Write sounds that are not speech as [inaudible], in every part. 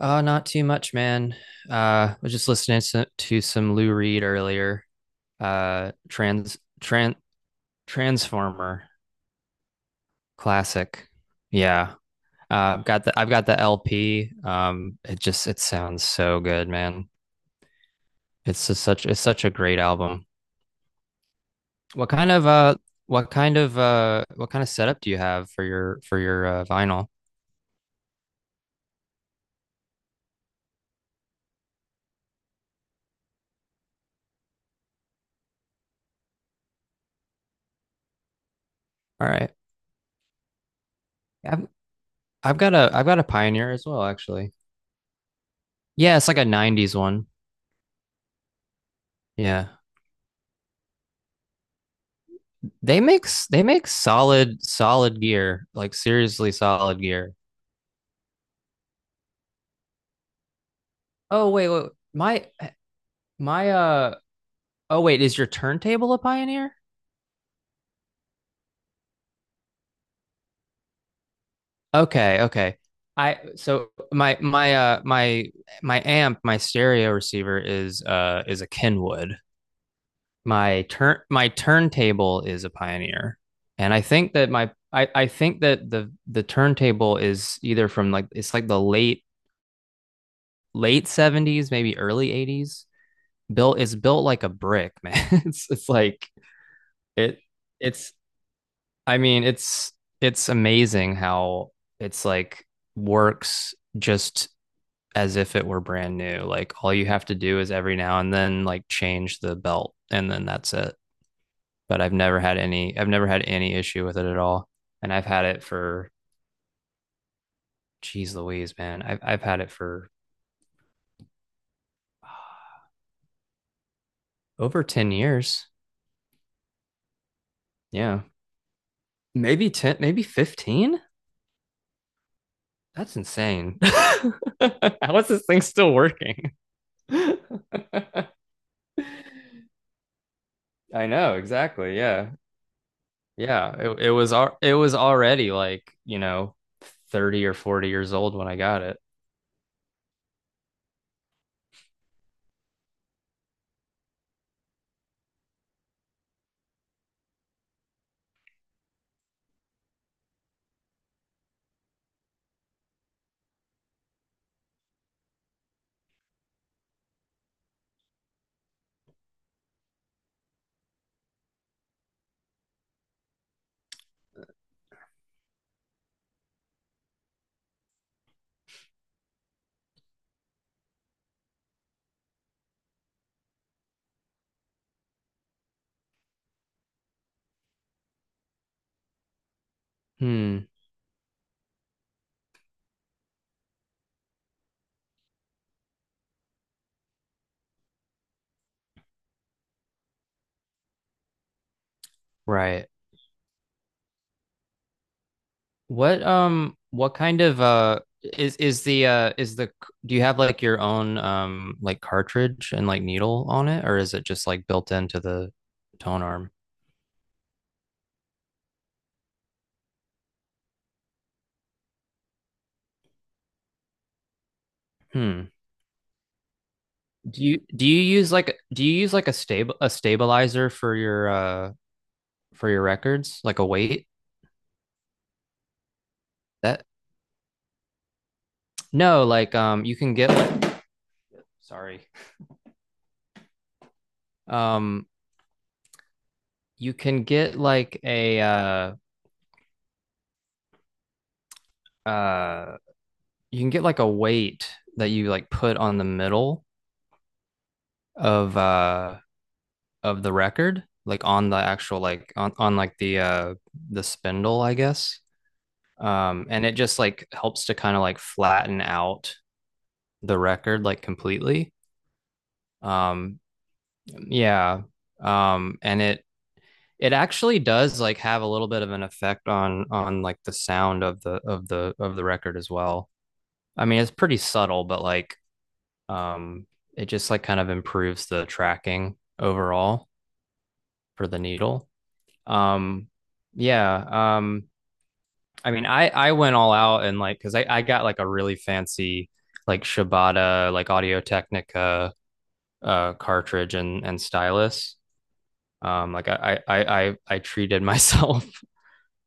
Not too much, man. I was just listening to some Lou Reed earlier. Uh, trans trans Transformer classic. Yeah. I've got the LP. It just it sounds so good, man. It's just such it's such a great album. What kind of what kind of setup do you have for your vinyl? All right. I've I've got a Pioneer as well, actually. Yeah, it's like a 90s one. Yeah. They make solid gear, like seriously solid gear. Oh wait, wait, my uh oh wait, is your turntable a Pioneer? Okay, okay. I so my my My amp, my stereo receiver is a Kenwood. My turntable is a Pioneer. And I think that my I think that the turntable is either from like it's like the late late 70s, maybe early 80s. Built, it's built like a brick, man. [laughs] It's like it it's I mean, it's amazing how it's like works just as if it were brand new. Like all you have to do is every now and then like change the belt and then that's it. But I've never had any issue with it at all. And I've had it for geez Louise, man. I've had it for over 10 years. Yeah. Maybe 10, maybe 15. That's insane. [laughs] How is this thing still working? [laughs] I know, exactly. Yeah. Yeah. It was it was already like, you know, 30 or 40 years old when I got it. Hmm. Right. What kind of is the do you have like your own like cartridge and like needle on it, or is it just like built into the tone arm? Hmm. Do you use like a stable a stabilizer for your records, like a weight that no like you can get like sorry um you can get like a uh you can get like a weight that you like put on the middle of uh of the record, like on the actual, like on like the spindle, I guess. And it just like helps to kind of like flatten out the record like completely. Um, yeah. And it It actually does like have a little bit of an effect on like the sound of the of the record as well. I mean, it's pretty subtle, but like um it just like kind of improves the tracking overall for the needle. Um yeah, um I mean, I went all out and like cuz I got like a really fancy like Shibata, like Audio Technica cartridge and stylus. Like I treated [laughs] myself.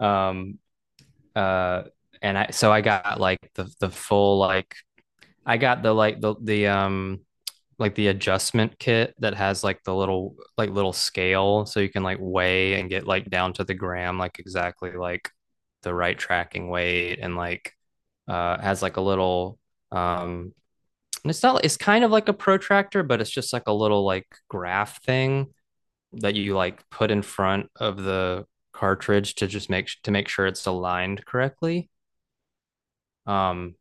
Um, uh, and I, so I got like the full, like I got the, like the adjustment kit that has like the little, like little scale. So you can like weigh and get like down to the gram, like exactly like the right tracking weight, and like, has like a little, um, and it's not, it's kind of like a protractor, but it's just like a little like graph thing that you like put in front of the cartridge to just make sure it's aligned correctly. Um,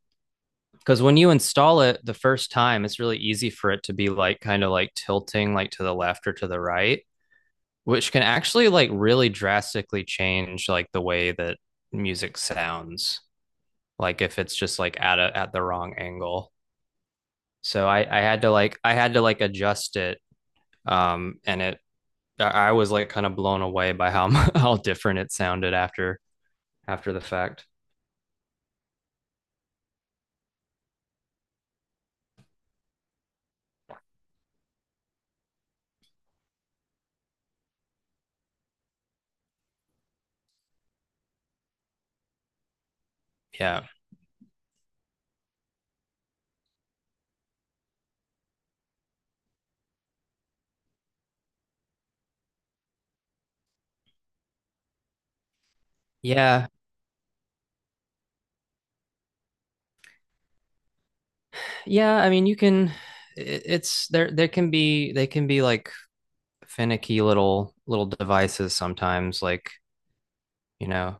because when you install it the first time, it's really easy for it to be like kind of like tilting like to the left or to the right, which can actually like really drastically change like the way that music sounds. Like if it's just like at a at the wrong angle. So I had to like adjust it. And it I was like kind of blown away by how [laughs] how different it sounded after the fact. Yeah. Yeah. Yeah. I mean, you can, there can be, they can be like finicky little, little devices sometimes, like, you know,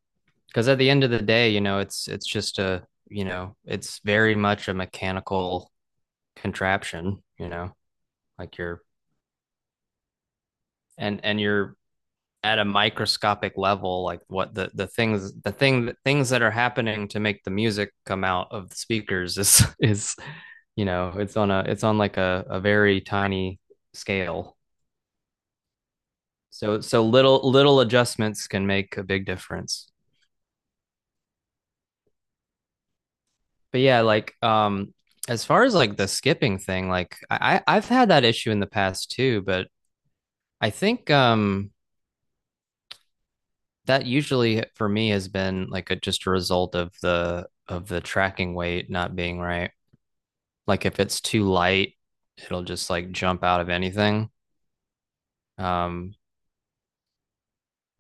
because at the end of the day, you know, it's just a, you know, it's very much a mechanical contraption, you know, like you're, and you're at a microscopic level, like what the things that are happening to make the music come out of the speakers [laughs] is, you know, it's on a it's on like a very tiny scale. So so little little adjustments can make a big difference. But yeah, like as far as like the skipping thing, like have had that issue in the past too, but I think that usually for me has been like a just a result of the tracking weight not being right. Like if it's too light, it'll just like jump out of anything. Um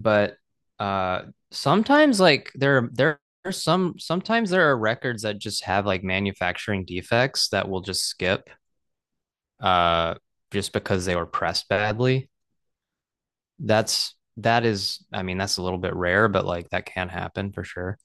but uh sometimes like there are some sometimes there are records that just have like manufacturing defects that will just skip uh just because they were pressed badly. That is, I mean, that's a little bit rare, but like that can happen for sure.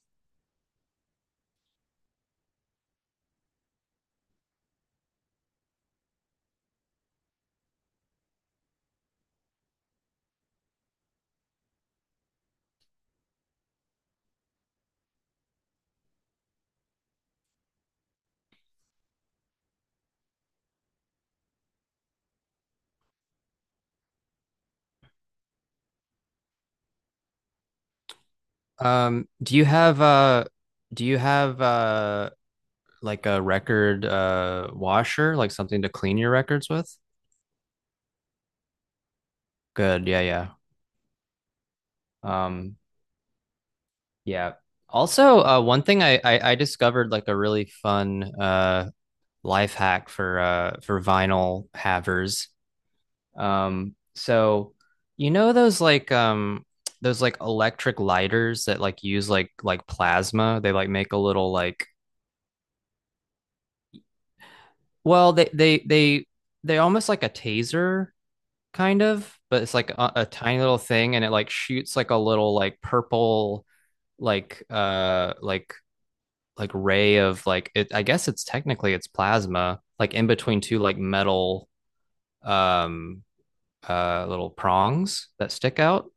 Um do you have uh do you have like a record washer, like something to clean your records with? Good. Yeah, yeah. Um Yeah. Also, one thing I discovered like a really fun life hack for vinyl havers. So you know those like electric lighters that like use like plasma. They like make a little like well they they they they almost like a taser kind of, but it's like a tiny little thing, and it like shoots like a little like purple like like ray of like it, I guess it's technically it's plasma, like in between two like metal um little prongs that stick out.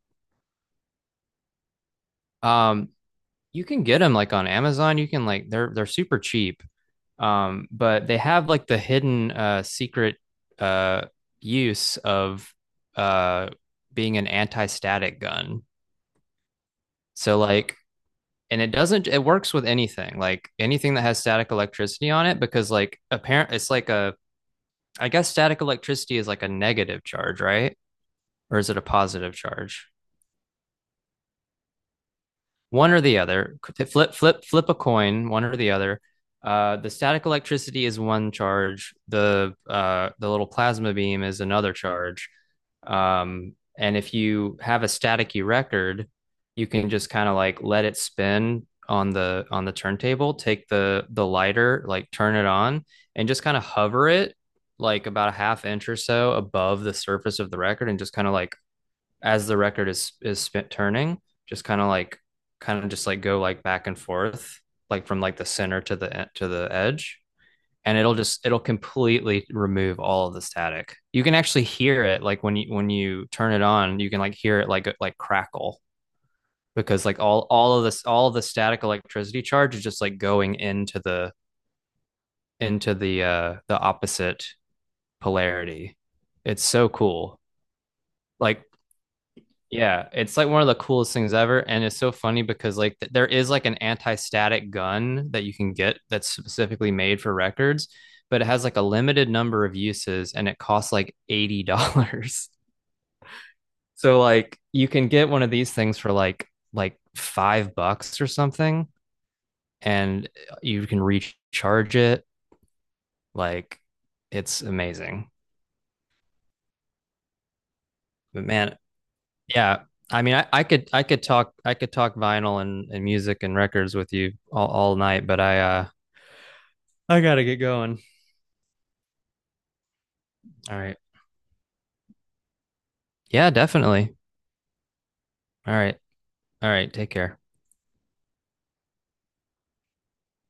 Um, you can get them like on Amazon. You can like they're super cheap. But they have like the hidden secret uh use of uh being an anti-static gun. So like and it doesn't it works with anything, like anything that has static electricity on it because like apparent it's like a I guess static electricity is like a negative charge, right? Or is it a positive charge? One or the other. Flip, flip, flip a coin, one or the other. The static electricity is one charge. The little plasma beam is another charge. And if you have a staticky record, you can just kind of like let it spin on the turntable. Take the lighter, like turn it on, and just kind of hover it like about a half inch or so above the surface of the record, and just kind of like as the record is turning, just kind of like kind of just like go like back and forth, like from like the center to the to the edge, and it'll just it'll completely remove all of the static. You can actually hear it like when you turn it on, you can like hear it like crackle because like all of the static electricity charge is just like going into the the opposite polarity. It's so cool. Like yeah, it's like one of the coolest things ever, and it's so funny because like there is like an anti-static gun that you can get that's specifically made for records, but it has like a limited number of uses and it costs like $80. [laughs] So like you can get one of these things for like $5 or something, and you can recharge it. Like it's amazing. But man, yeah. I mean, I could talk vinyl and music and records with you all night, but I gotta get going. All right. Yeah, definitely. All right. All right. Take care.